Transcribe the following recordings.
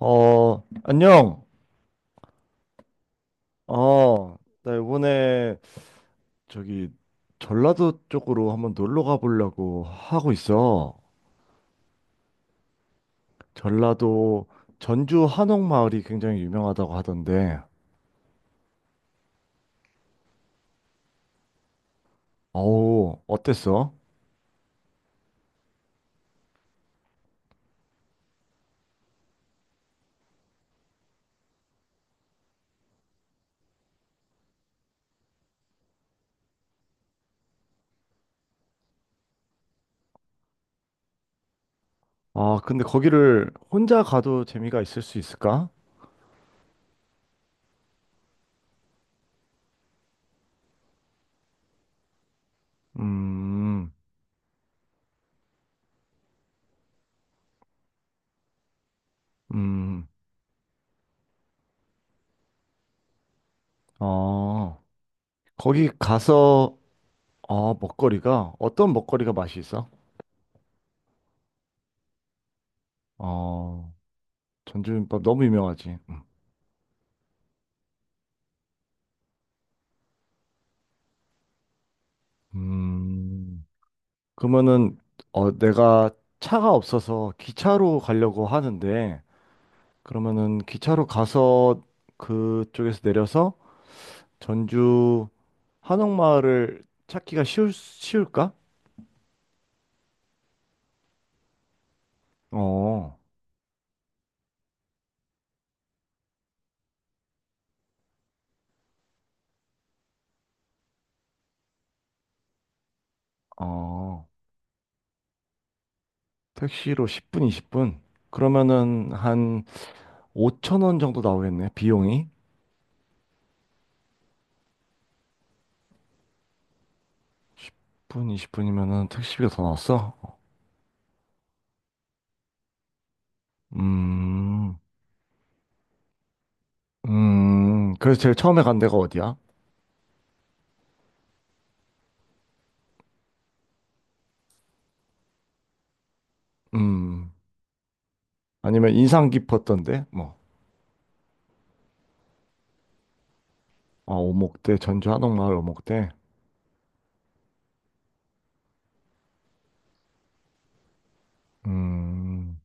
어, 안녕. 어, 나 이번에 저기 전라도 쪽으로 한번 놀러 가보려고 하고 있어. 전라도 전주 한옥마을이 굉장히 유명하다고 하던데. 어우, 어땠어? 아, 근데 거기를 혼자 가도 재미가 있을 수 있을까? 음, 음, 어, 거기 가서, 어, 먹거리가, 어떤 먹거리가 맛이 있어? 어, 전주김밥 너무 유명하지. 음. 그러면은 어 내가 차가 없어서 기차로 가려고 하는데 그러면은 기차로 가서 그쪽에서 내려서 전주 한옥마을을 찾기가 쉬울까? 어. 어. 택시로 10분, 20분. 그러면은 한 5천 원 정도 나오겠네. 비용이. 10분, 20분이면은 택시비가 더 나왔어. 음. 음. 그래서 제일 처음에 간 데가 어디야? 음. 아니면 인상 깊었던데? 뭐. 아, 오목대, 전주 한옥마을 오목대. 음,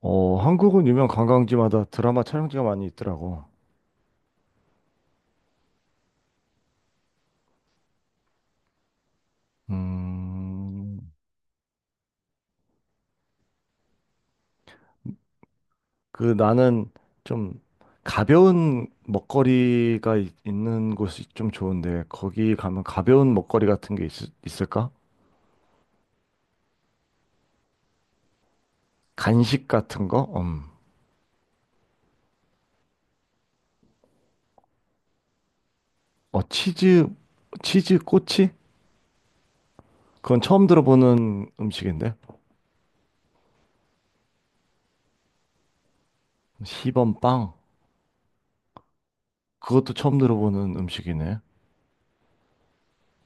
어, 한국은 유명 관광지마다 드라마 촬영지가 많이 있더라고. 음, 그 나는 좀 가벼운 먹거리가 는 곳이 좀 좋은데, 거기 가면 가벼운 먹거리 같은 게 있을까? 간식 같은 거? 음. 어, 치즈 꼬치? 그건 처음 들어보는 음식인데. 시범빵? 그것도 처음 들어보는 음식이네.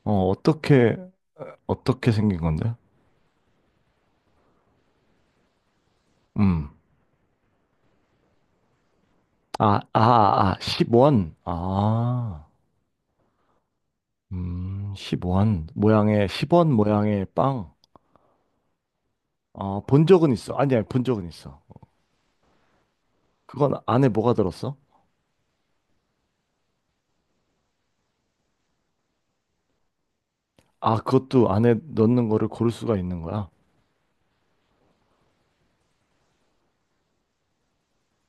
어, 어떻게 생긴 건데? 음. 아, 아, 아, 10원. 아, 십원 모양의, 10원 모양의 빵. 아, 본 적은 있어. 아니, 아니, 본 적은 있어. 그건 안에 뭐가 들었어? 아, 그것도 안에 넣는 거를 고를 수가 있는 거야.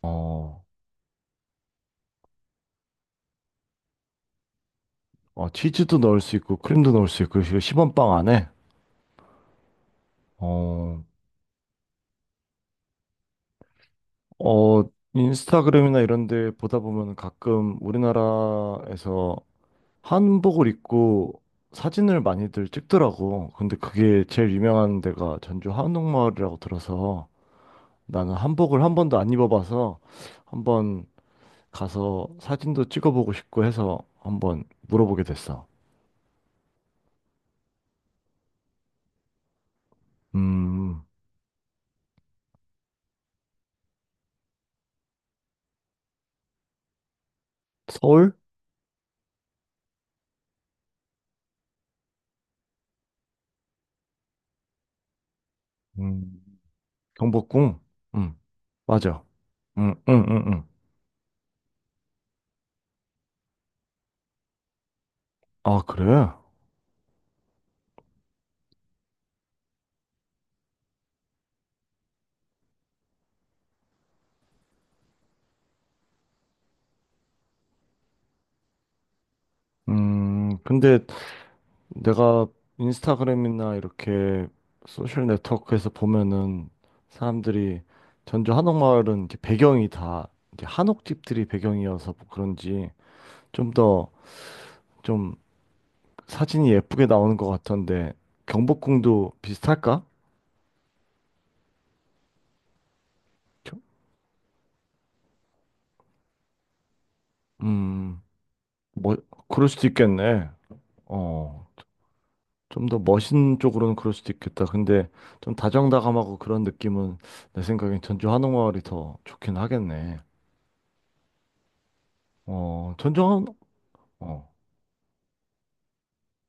어, 어, 치즈도 넣을 수 있고, 크림도 넣을 수 있고, 10원 빵 안에. 어, 어, 인스타그램이나 이런 데 보다 보면 가끔 우리나라에서 한복을 입고 사진을 많이들 찍더라고. 근데 그게 제일 유명한 데가 전주 한옥마을이라고 들어서 나는 한복을 한 번도 안 입어봐서 한번 가서 사진도 찍어보고 싶고 해서 한번 물어보게 됐어. 음, 서울? 음, 경복궁? 음, 맞아. 음, 음, 음, 음. 아, 그래? 근데 내가 인스타그램이나 이렇게 소셜 네트워크에서 보면은 사람들이 전주 한옥마을은 이제 배경이 다 이제 한옥집들이 배경이어서 뭐 그런지 좀 더 좀 사진이 예쁘게 나오는 것 같던데 경복궁도 비슷할까? 겨- 음, 뭐 그럴 수도 있겠네. 어, 좀 더 멋있는 쪽으로는 그럴 수도 있겠다. 근데 좀 다정다감하고 그런 느낌은 내 생각엔 전주 한옥마을이 더 좋긴 하겠네. 어, 전주 어,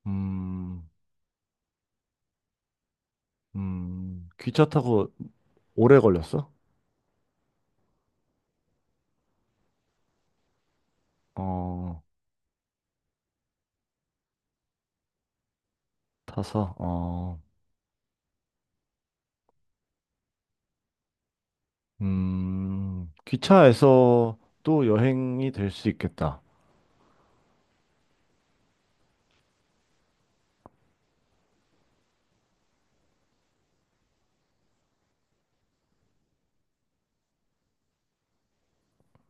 음, 기차 타고 오래 걸렸어? 어, 타서, 어, 기차에서 또 여행이 될 수 있겠다.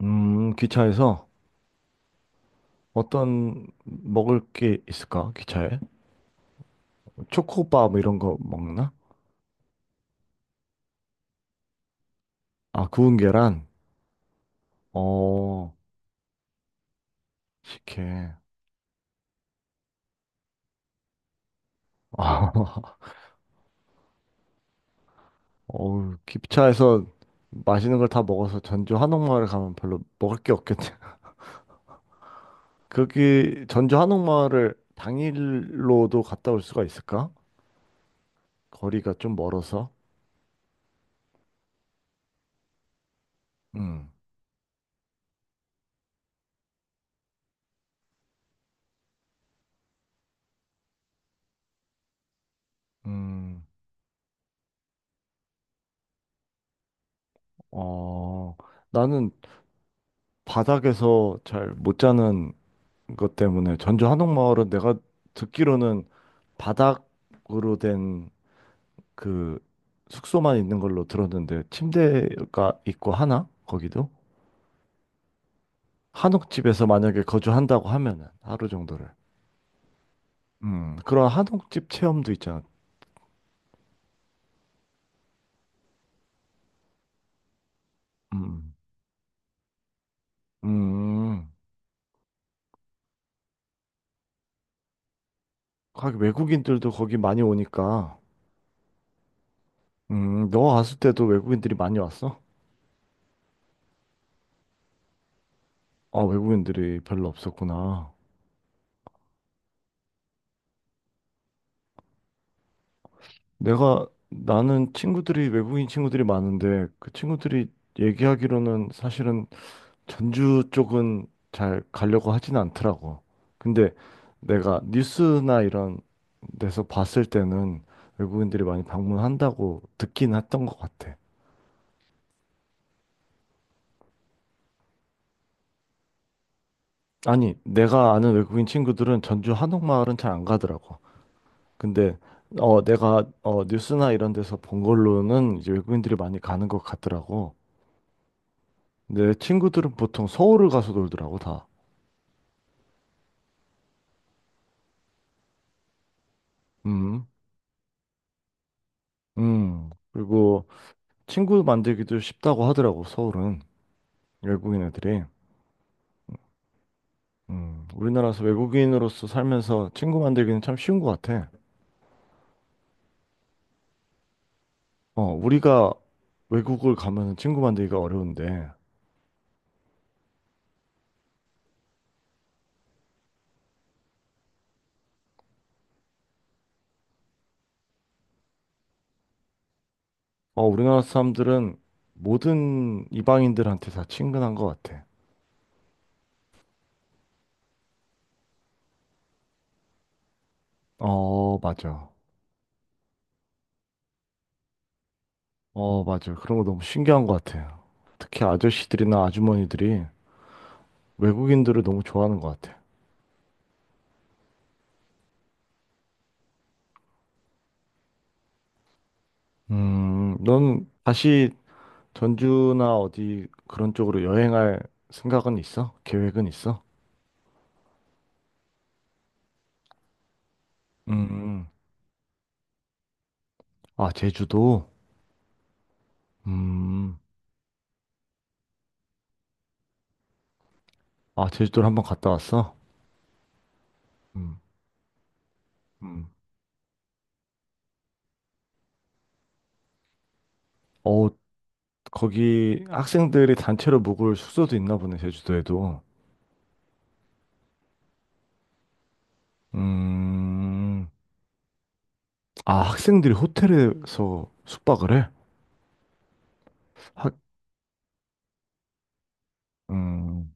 기차에서 어떤 먹을 게 있을까? 기차에? 초코바 뭐 이런 거 먹나? 아, 구운 계란? 어, 식혜. 아, 어우, 기차에서 맛있는 걸 다 먹어서 전주 한옥마을 가면 별로 먹을 게 없겠네. 거기 전주 한옥마을을 당일로도 갔다 올 수가 있을까? 거리가 좀 멀어서. 음, 음, 어, 나는 바닥에서 잘 못 자는 것 때문에 전주 한옥마을은 내가 듣기로는 바닥으로 된 그 숙소만 있는 걸로 들었는데 침대가 있고 하나? 거기도? 한옥집에서 만약에 거주한다고 하면은 하루 정도를. 그런 한옥집 체험도 있잖아. 음. 음. 거기 외국인들도 거기 많이 오니까. 너 왔을 때도 외국인들이 많이 왔어? 아, 외국인들이 별로 없었구나. 나는 외국인 친구들이 많은데, 그 친구들이 얘기하기로는 사실은 전주 쪽은 잘 가려고 하진 않더라고. 근데 내가 뉴스나 이런 데서 봤을 때는 외국인들이 많이 방문한다고 듣긴 했던 것 같아. 아니, 내가 아는 외국인 친구들은 전주 한옥마을은 잘 안 가더라고. 근데 어 내가 어 뉴스나 이런 데서 본 걸로는 이제 외국인들이 많이 가는 것 같더라고. 내 친구들은 보통 서울을 가서 놀더라고 다. 음. 음. 그리고 친구 만들기도 쉽다고 하더라고 서울은 외국인 애들이. 음. 우리나라에서 외국인으로서 살면서 친구 만들기는 참 쉬운 것 같아. 어 우리가 외국을 가면 친구 만들기가 어려운데 어 우리나라 사람들은 모든 이방인들한테 다 친근한 것 같아. 어 맞아. 어, 맞아요. 그런 거 너무 신기한 것 같아요. 특히 아저씨들이나 아주머니들이 외국인들을 너무 좋아하는 것 같아요. 넌 다시 전주나 어디 그런 쪽으로 여행할 생각은 있어? 계획은 있어? 음, 아, 제주도? 음, 아, 제주도를 한번 갔다 왔어? 음, 음. 어, 거기 학생들이 단체로 묵을 숙소도 있나 보네, 제주도에도. 음, 아, 학생들이 호텔에서 숙박을 해? 학, 음.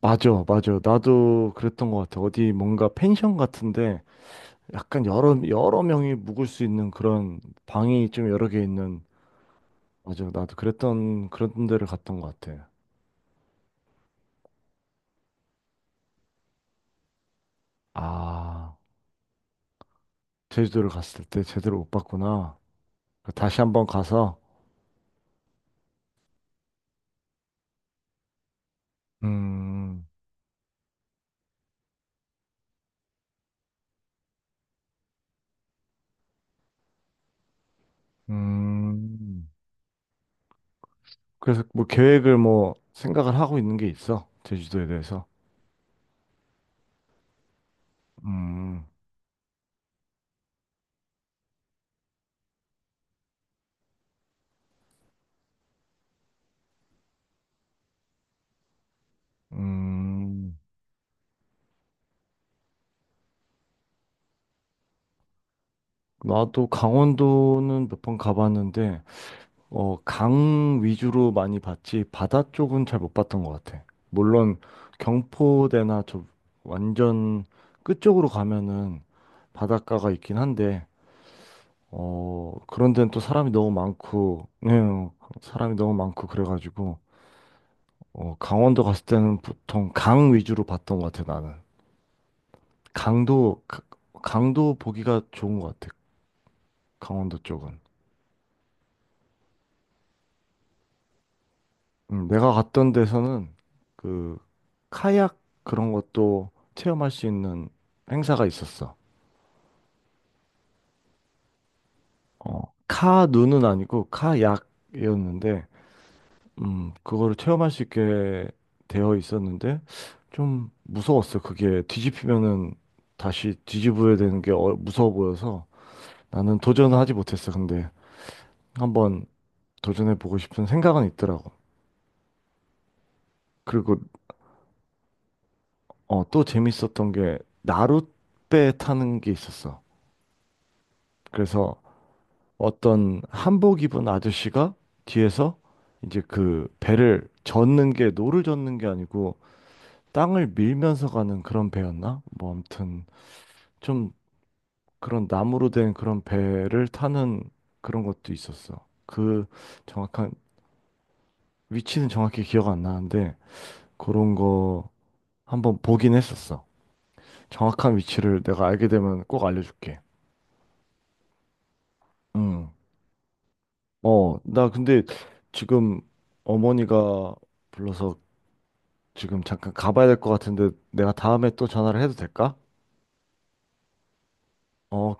맞아, 맞아. 나도 그랬던 것 같아. 어디 뭔가 펜션 같은데 약간 여러, 여러 명이 묵을 수 있는 그런 방이 좀 여러 개 있는, 맞아. 나도 그랬던, 그런 데를 갔던 것 같아. 아, 제주도를 갔을 때 제대로 못 봤구나. 다시 한번 가서, 음, 음. 그래서 뭐 계획을 뭐 생각을 하고 있는 게 있어. 제주도에 대해서. 음, 음. 나도 강원도는 몇 번 가봤는데, 어, 강 위주로 많이 봤지, 바다 쪽은 잘 못 봤던 것 같아. 물론, 경포대나 저 완전 끝쪽으로 가면은 바닷가가 있긴 한데, 어, 그런 데는 또 사람이 너무 많고, 네, 어, 사람이 너무 많고, 그래가지고, 어, 강원도 갔을 때는 보통 강 위주로 봤던 것 같아, 나는. 강도, 가- 강도 보기가 좋은 것 같아, 강원도 쪽은. 내가 갔던 데서는 그 카약 그런 것도 체험할 수 있는 행사가 있었어. 어, 카누는 아니고 카약이었는데, 그거를 체험할 수 있게 되어 있었는데 좀 무서웠어. 그게 뒤집히면은 다시 뒤집어야 되는 게 어- 무서워 보여서 나는 도전을 하지 못했어. 근데 한번 도전해 보고 싶은 생각은 있더라고. 그리고 어, 또 재밌었던 게 나룻배 타는 게 있었어. 그래서 어떤 한복 입은 아저씨가 뒤에서 이제 그 배를 젓는 게 노를 젓는 게 아니고 땅을 밀면서 가는 그런 배였나? 뭐 아무튼 좀 그런 나무로 된 그런 배를 타는 그런 것도 있었어. 그 정확한 위치는 정확히 기억 안 나는데 그런 거 한번 보긴 했었어. 정확한 위치를 내가 알게 되면 꼭 알려줄게. 응. 어, 나 근데 지금 어머니가 불러서 지금 잠깐 가봐야 될 것 같은데 내가 다음에 또 전화를 해도 될까? 어,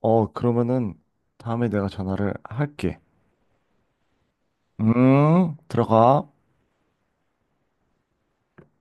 어, 그러면은 다음에 내가 전화를 할게. 들어가.